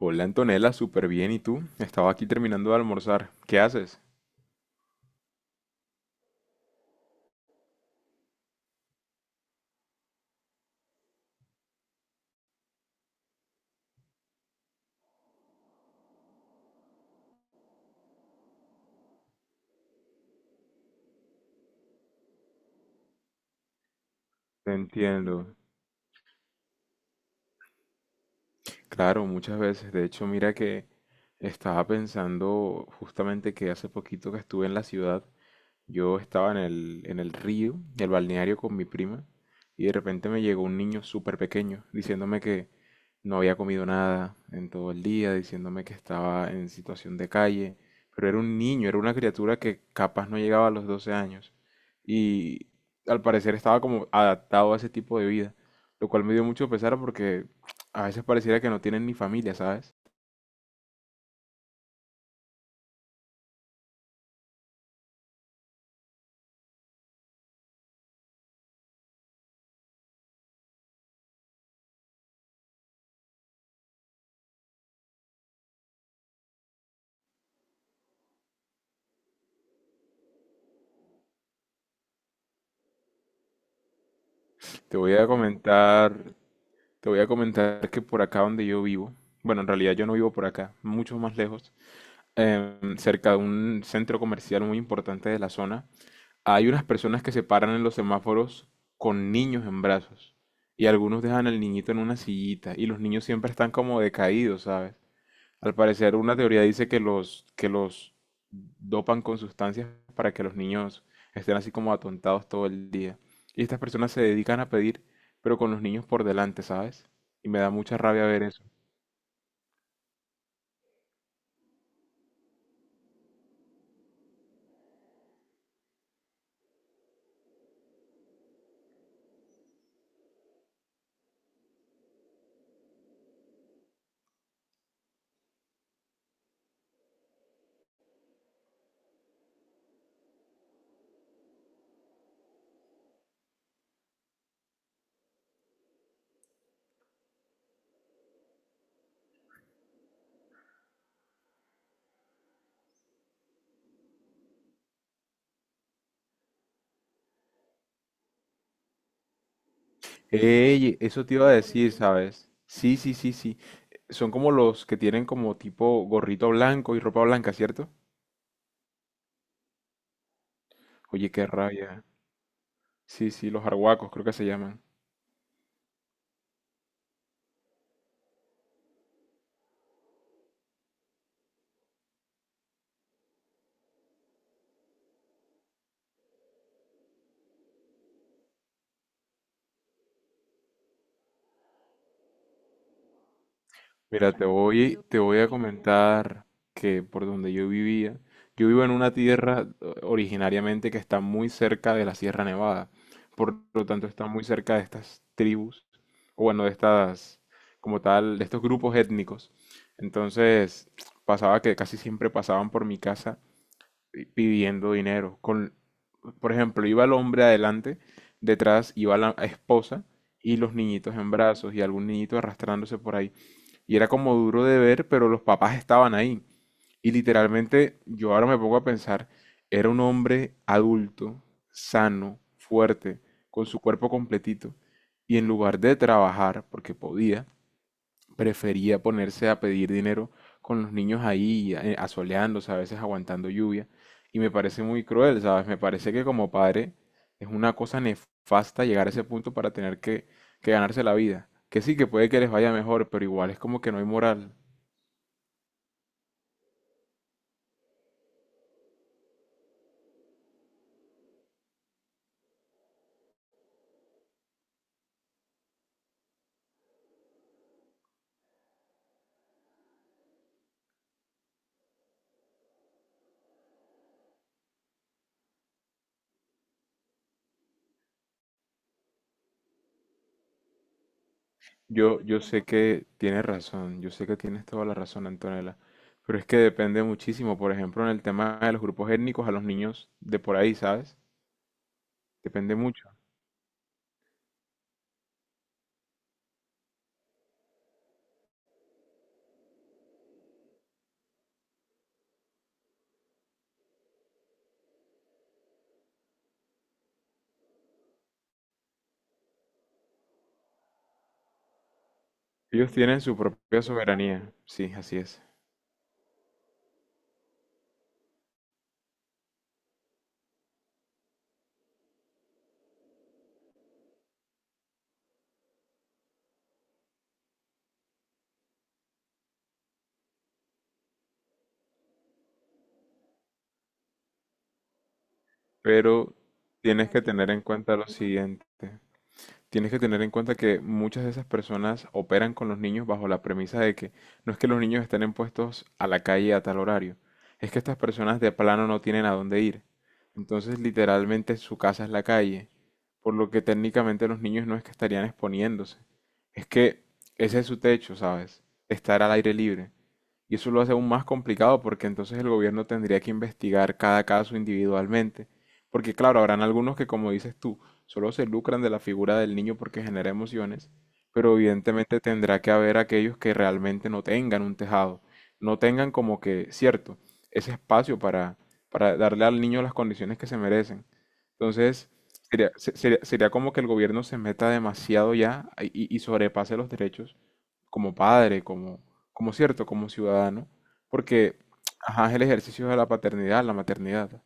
Hola Antonella, súper bien. ¿Y tú? Estaba aquí terminando de almorzar. ¿Qué haces? Te entiendo. Claro, muchas veces. De hecho, mira que estaba pensando justamente que hace poquito que estuve en la ciudad. Yo estaba en el río, en el balneario con mi prima, y de repente me llegó un niño súper pequeño diciéndome que no había comido nada en todo el día, diciéndome que estaba en situación de calle, pero era un niño, era una criatura que capaz no llegaba a los 12 años, y al parecer estaba como adaptado a ese tipo de vida, lo cual me dio mucho pesar porque a veces pareciera que no tienen ni familia, ¿sabes? Te voy a comentar, Te voy a comentar que por acá donde yo vivo, bueno, en realidad yo no vivo por acá, mucho más lejos, cerca de un centro comercial muy importante de la zona, hay unas personas que se paran en los semáforos con niños en brazos y algunos dejan al niñito en una sillita y los niños siempre están como decaídos, ¿sabes? Al parecer, una teoría dice que los dopan con sustancias para que los niños estén así como atontados todo el día. Y estas personas se dedican a pedir, pero con los niños por delante, ¿sabes? Y me da mucha rabia ver eso. Ey, eso te iba a decir, ¿sabes? Sí, sí, sí, sí. Son como los que tienen como tipo gorrito blanco y ropa blanca, ¿cierto? Oye, qué rabia. Sí, sí, los arhuacos creo que se llaman. Mira, te voy a comentar que por donde yo vivía, yo vivo en una tierra originariamente que está muy cerca de la Sierra Nevada, por lo tanto está muy cerca de estas tribus, o bueno, de estas, como tal, de estos grupos étnicos. Entonces, pasaba que casi siempre pasaban por mi casa pidiendo dinero, con por ejemplo, iba el hombre adelante, detrás iba la esposa y los niñitos en brazos y algún niñito arrastrándose por ahí. Y era como duro de ver, pero los papás estaban ahí. Y literalmente, yo ahora me pongo a pensar, era un hombre adulto, sano, fuerte, con su cuerpo completito. Y en lugar de trabajar, porque podía, prefería ponerse a pedir dinero con los niños ahí asoleándose, a veces aguantando lluvia. Y me parece muy cruel, ¿sabes? Me parece que como padre es una cosa nefasta llegar a ese punto para tener que ganarse la vida. Que sí, que puede que les vaya mejor, pero igual es como que no hay moral. Yo sé que tienes razón, yo sé que tienes toda la razón, Antonella. Pero es que depende muchísimo, por ejemplo, en el tema de los grupos étnicos a los niños de por ahí, ¿sabes? Depende mucho. Ellos tienen su propia soberanía. Sí, así es. Pero tienes que tener en cuenta lo siguiente. Tienes que tener en cuenta que muchas de esas personas operan con los niños bajo la premisa de que no es que los niños estén en puestos a la calle a tal horario, es que estas personas de plano no tienen a dónde ir. Entonces, literalmente su casa es la calle, por lo que técnicamente los niños no es que estarían exponiéndose, es que ese es su techo, ¿sabes? Estar al aire libre. Y eso lo hace aún más complicado porque entonces el gobierno tendría que investigar cada caso individualmente. Porque claro, habrán algunos que, como dices tú, solo se lucran de la figura del niño porque genera emociones, pero evidentemente tendrá que haber aquellos que realmente no tengan un tejado, no tengan como que, cierto, ese espacio para darle al niño las condiciones que se merecen. Entonces, sería como que el gobierno se meta demasiado ya y sobrepase los derechos como padre, como, como cierto, como ciudadano, porque ajá, es el ejercicio de la paternidad, la maternidad.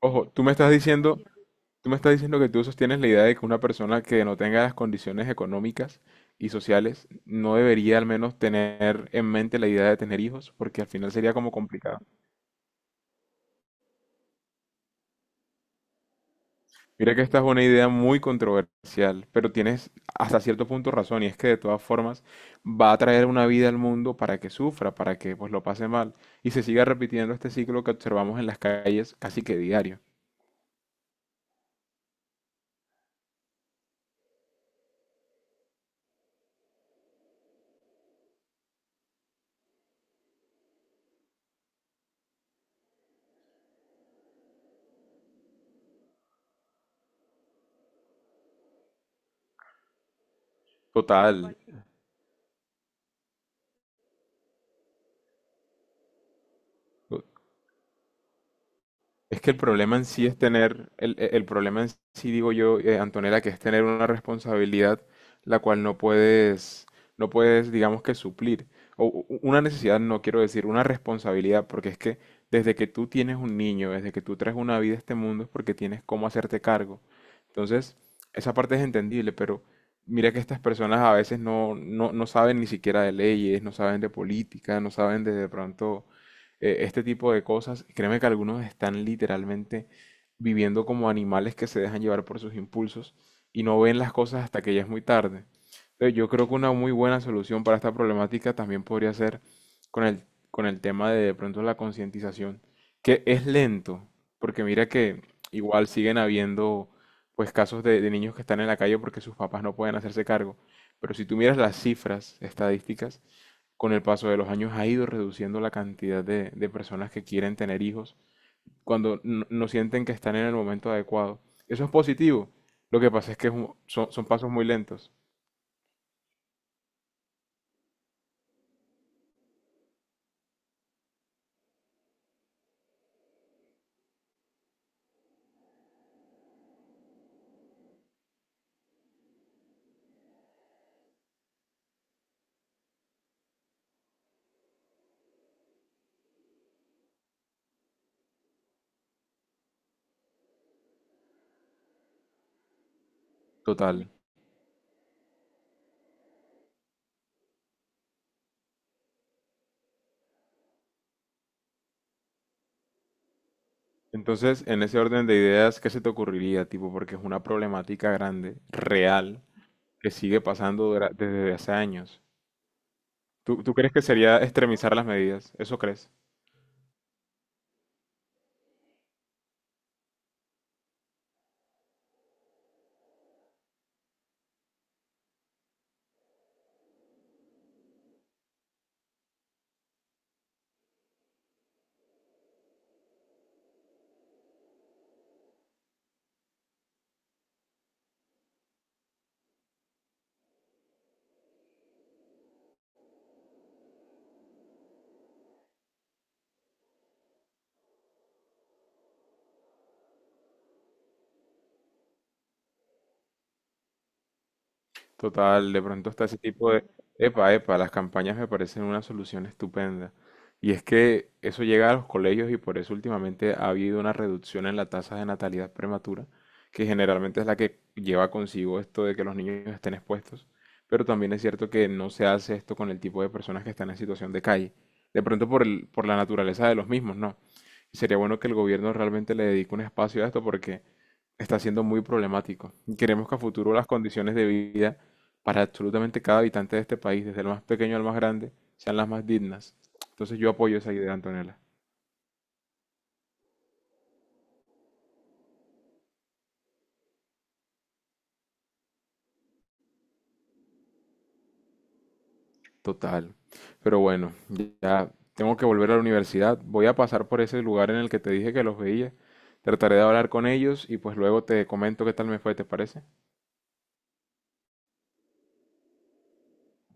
Ojo, tú me estás diciendo que tú sostienes la idea de que una persona que no tenga las condiciones económicas y sociales no debería al menos tener en mente la idea de tener hijos, porque al final sería como complicado. Mira que esta es una idea muy controversial, pero tienes hasta cierto punto razón, y es que de todas formas va a traer una vida al mundo para que sufra, para que pues lo pase mal, y se siga repitiendo este ciclo que observamos en las calles casi que diario. Total. Es que el problema en sí es tener, el problema en sí, digo yo, Antonella, que es tener una responsabilidad la cual no puedes, digamos que suplir. O una necesidad, no quiero decir, una responsabilidad, porque es que desde que tú tienes un niño, desde que tú traes una vida a este mundo, es porque tienes cómo hacerte cargo. Entonces, esa parte es entendible, pero mira que estas personas a veces no saben ni siquiera de leyes, no saben de política, no saben de pronto este tipo de cosas. Créeme que algunos están literalmente viviendo como animales que se dejan llevar por sus impulsos y no ven las cosas hasta que ya es muy tarde. Entonces, yo creo que una muy buena solución para esta problemática también podría ser con el, con el tema de pronto la concientización, que es lento, porque mira que igual siguen habiendo pues casos de niños que están en la calle porque sus papás no pueden hacerse cargo. Pero si tú miras las cifras estadísticas, con el paso de los años ha ido reduciendo la cantidad de personas que quieren tener hijos cuando no sienten que están en el momento adecuado. Eso es positivo. Lo que pasa es que es son, son pasos muy lentos. Total. Entonces, en ese orden de ideas, ¿qué se te ocurriría, tipo? Porque es una problemática grande, real, que sigue pasando dura- desde hace años. ¿Tú crees que sería extremizar las medidas? ¿Eso crees? Total, de pronto está ese tipo de... Epa, epa, las campañas me parecen una solución estupenda. Y es que eso llega a los colegios y por eso últimamente ha habido una reducción en la tasa de natalidad prematura, que generalmente es la que lleva consigo esto de que los niños estén expuestos. Pero también es cierto que no se hace esto con el tipo de personas que están en situación de calle. De pronto por el- por la naturaleza de los mismos, ¿no? Sería bueno que el gobierno realmente le dedique un espacio a esto porque está siendo muy problemático. Y Queremos que a futuro las condiciones de vida para absolutamente cada habitante de este país, desde el más pequeño al más grande, sean las más dignas. Entonces yo apoyo esa idea, Antonella. Total. Pero bueno, ya tengo que volver a la universidad. Voy a pasar por ese lugar en el que te dije que los veía. Trataré de hablar con ellos y pues luego te comento qué tal me fue, ¿te parece?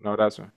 Un abrazo.